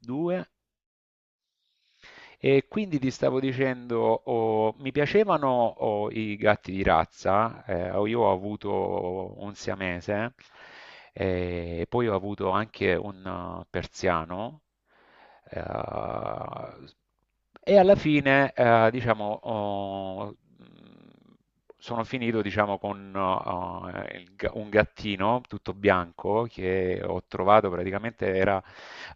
2. E quindi ti stavo dicendo, oh, mi piacevano, oh, i gatti di razza. Io ho avuto un siamese e poi ho avuto anche un persiano. Eh, e alla fine, diciamo, sono finito, diciamo, con un gattino tutto bianco che ho trovato praticamente era,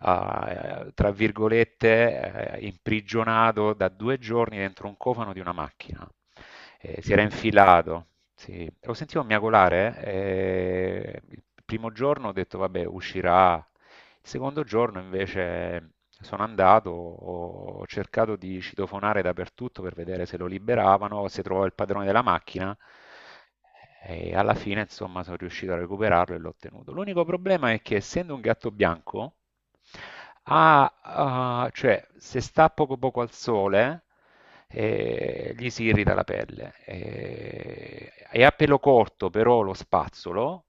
tra virgolette, imprigionato da due giorni dentro un cofano di una macchina. Si era infilato, sì, lo sentivo miagolare. Il primo giorno ho detto, vabbè, uscirà. Il secondo giorno invece sono andato, ho cercato di citofonare dappertutto per vedere se lo liberavano, se trovavo il padrone della macchina. E alla fine, insomma, sono riuscito a recuperarlo e l'ho ottenuto. L'unico problema è che, essendo un gatto bianco, cioè, se sta poco poco al sole, e gli si irrita la pelle. E a pelo corto, però lo spazzolo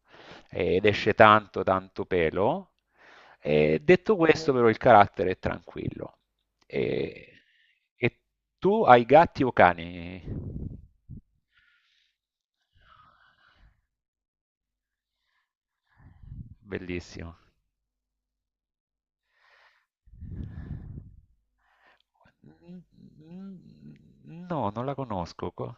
ed esce tanto tanto pelo. E detto questo però il carattere è tranquillo. E, e tu hai gatti o cani? Bellissimo. No, non la conosco.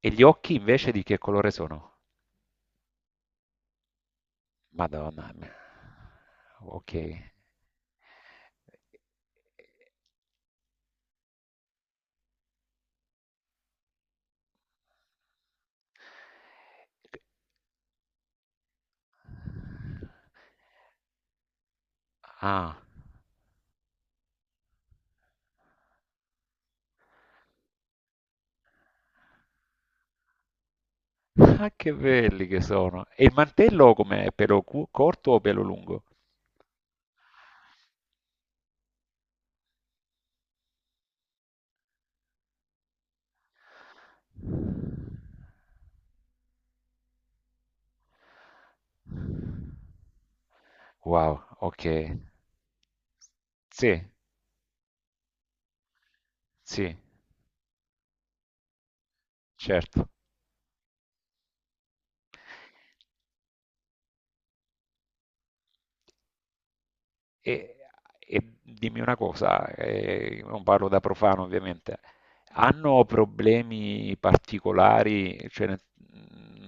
E gli occhi invece di che colore sono? Madonna mia. Ok. Ah. Ah, che belli che sono. E il mantello com'è? Corto o pelo lungo? Wow, ok. Sì, sì, certo. E, e dimmi una cosa, non parlo da profano ovviamente. Hanno problemi particolari? Cioè,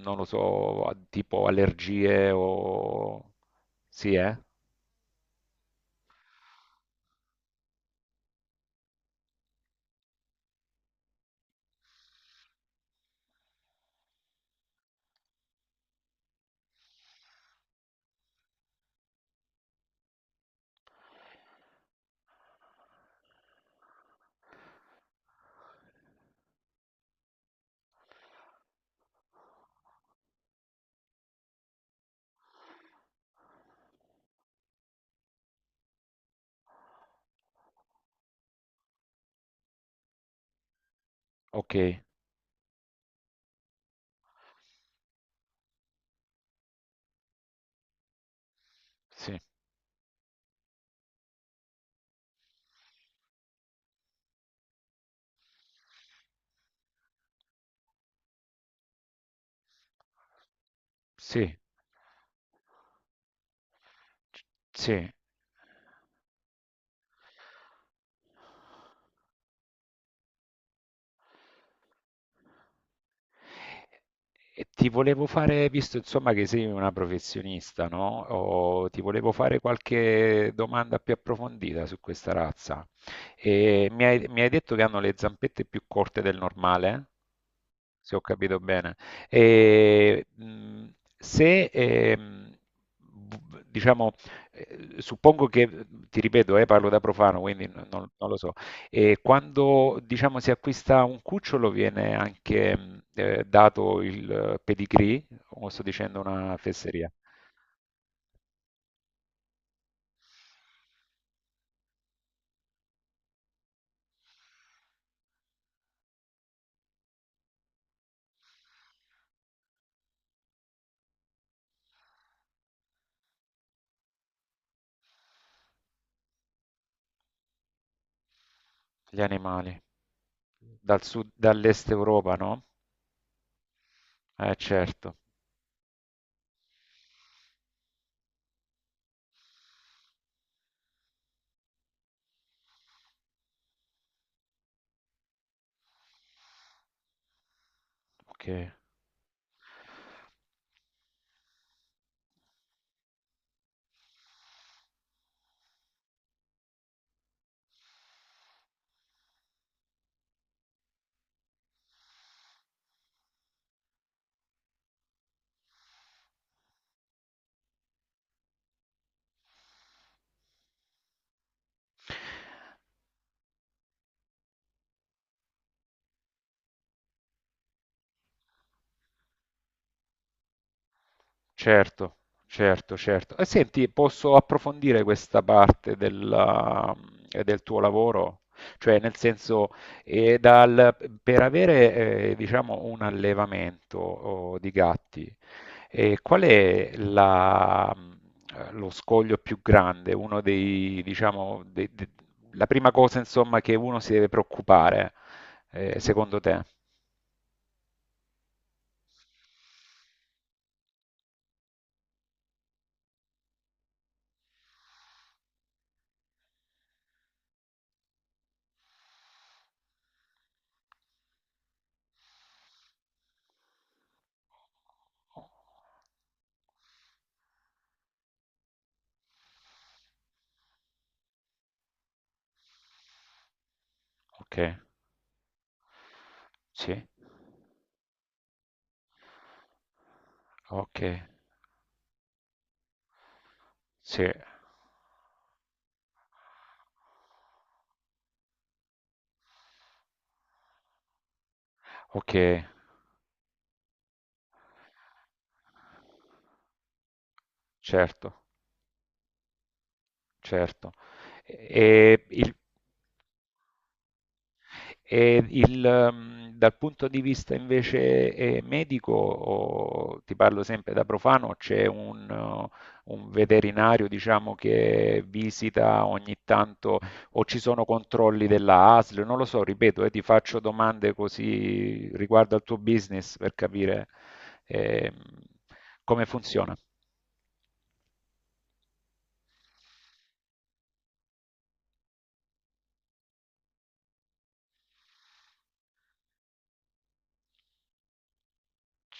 non lo so, tipo allergie o... Sì, eh? Ok, sì, sì, c- sì. E ti volevo fare, visto insomma che sei una professionista, no? O ti volevo fare qualche domanda più approfondita su questa razza. E mi hai detto che hanno le zampette più corte del normale, se ho capito bene. E, mh, Se, diciamo, suppongo che, ti ripeto, parlo da profano, quindi non lo so, e quando, diciamo, si acquista un cucciolo viene anche, dato il, pedigree, o sto dicendo una fesseria? Gli animali dal sud, dall'est Europa, no? Certo, ok. Certo, certo, certo. E senti, posso approfondire del tuo lavoro? Cioè, nel senso, eh, dal- per avere, diciamo, un allevamento, oh, di gatti, eh, qual è la- lo scoglio più grande? Uno dei, diciamo, dei- de- la prima cosa, insomma, che uno si deve preoccupare, secondo te? Ok, sì. Okay, sì, okay. Certo, certo. E il E il, Dal punto di vista invece, medico, o ti parlo sempre da profano, c'è un un veterinario, diciamo, che visita ogni tanto, o ci sono controlli della ASL? Non lo so, ripeto, ti faccio domande così riguardo al tuo business per capire, ehm, come funziona.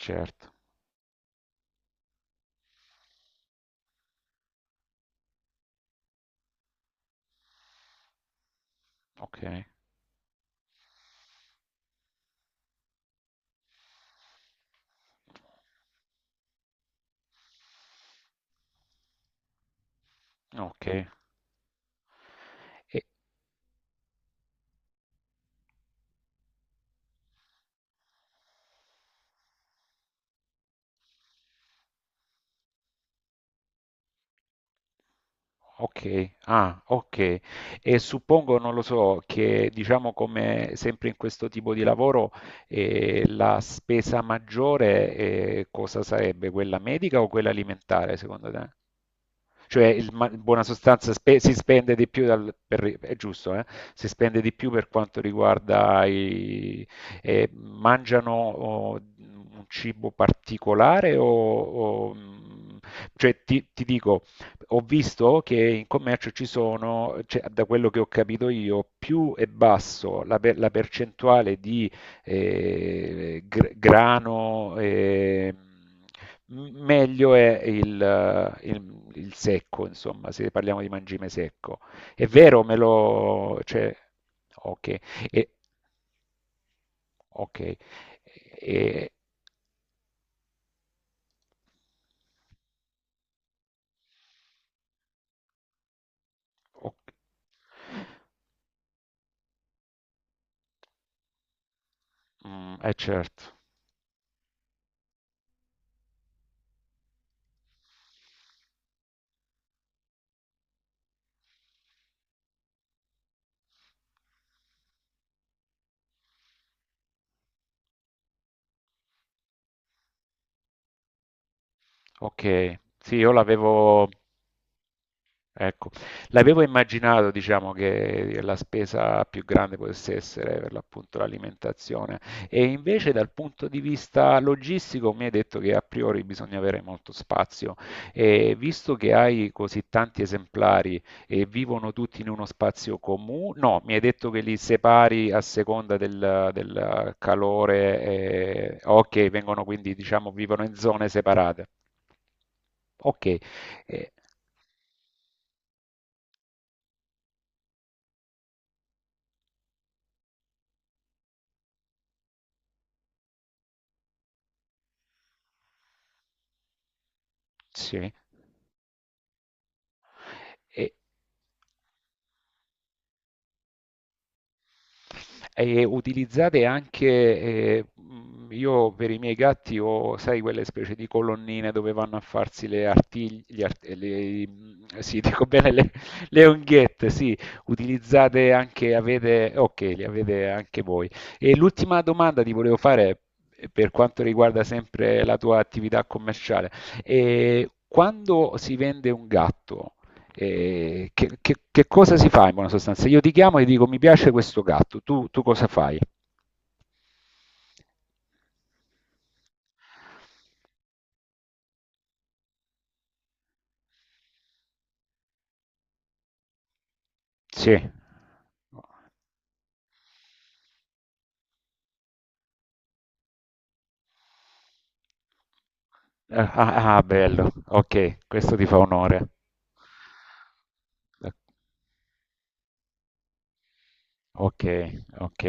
Certo, okay, okay. E ok, ah, ok. E suppongo, non lo so, che, diciamo, come sempre in questo tipo di lavoro la spesa maggiore cosa sarebbe? Quella medica o quella alimentare, secondo te? Cioè, in buona sostanza, si spende di più, è giusto, eh? Si spende di più per quanto riguarda i... mangiano, oh, un cibo particolare o... o, mm, cioè, ti dico, ho visto che in commercio ci sono, cioè, da quello che ho capito io, più è basso la percentuale di grano, meglio è il secco, insomma, se parliamo di mangime secco. È vero, me lo... cioè, ok, e- ok, e- ok. Certo, ok. Sì, io l'avevo... Ecco, l'avevo immaginato, diciamo, che la spesa più grande potesse essere per l'appunto l'alimentazione, e invece dal punto di vista logistico mi hai detto che a priori bisogna avere molto spazio, e visto che hai così tanti esemplari e vivono tutti in uno spazio comune, no, mi hai detto che li separi a seconda del, del calore, e... ok, vengono quindi, diciamo, vivono in zone separate. Ok, eh, sì. E, e utilizzate anche, io per i miei gatti ho, sai, quelle specie di colonnine dove vanno a farsi le artigli, gli art- le- sì, dico bene, le unghiette, sì, avete, ok, li avete anche voi. E l'ultima domanda ti volevo fare, per quanto riguarda sempre la tua attività commerciale. E quando si vende un gatto, che cosa si fa in buona sostanza? Io ti chiamo e ti dico mi piace questo gatto, tu cosa fai? Sì. Ah, ah, ah, bello, ok, questo ti fa onore. Ok, ok.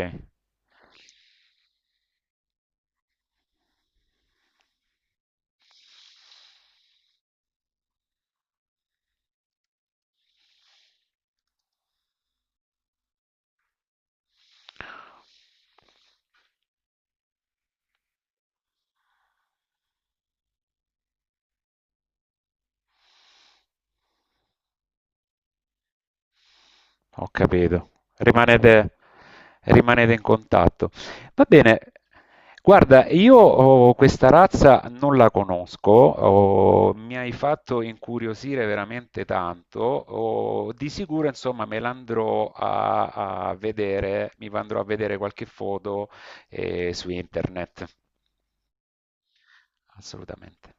Ho capito. Rimanete, rimanete in contatto. Va bene. Guarda, io, oh, questa razza non la conosco. Oh, mi hai fatto incuriosire veramente tanto. Oh, di sicuro, insomma, me l'andrò a, a vedere, mi andrò a vedere qualche foto su internet. Assolutamente.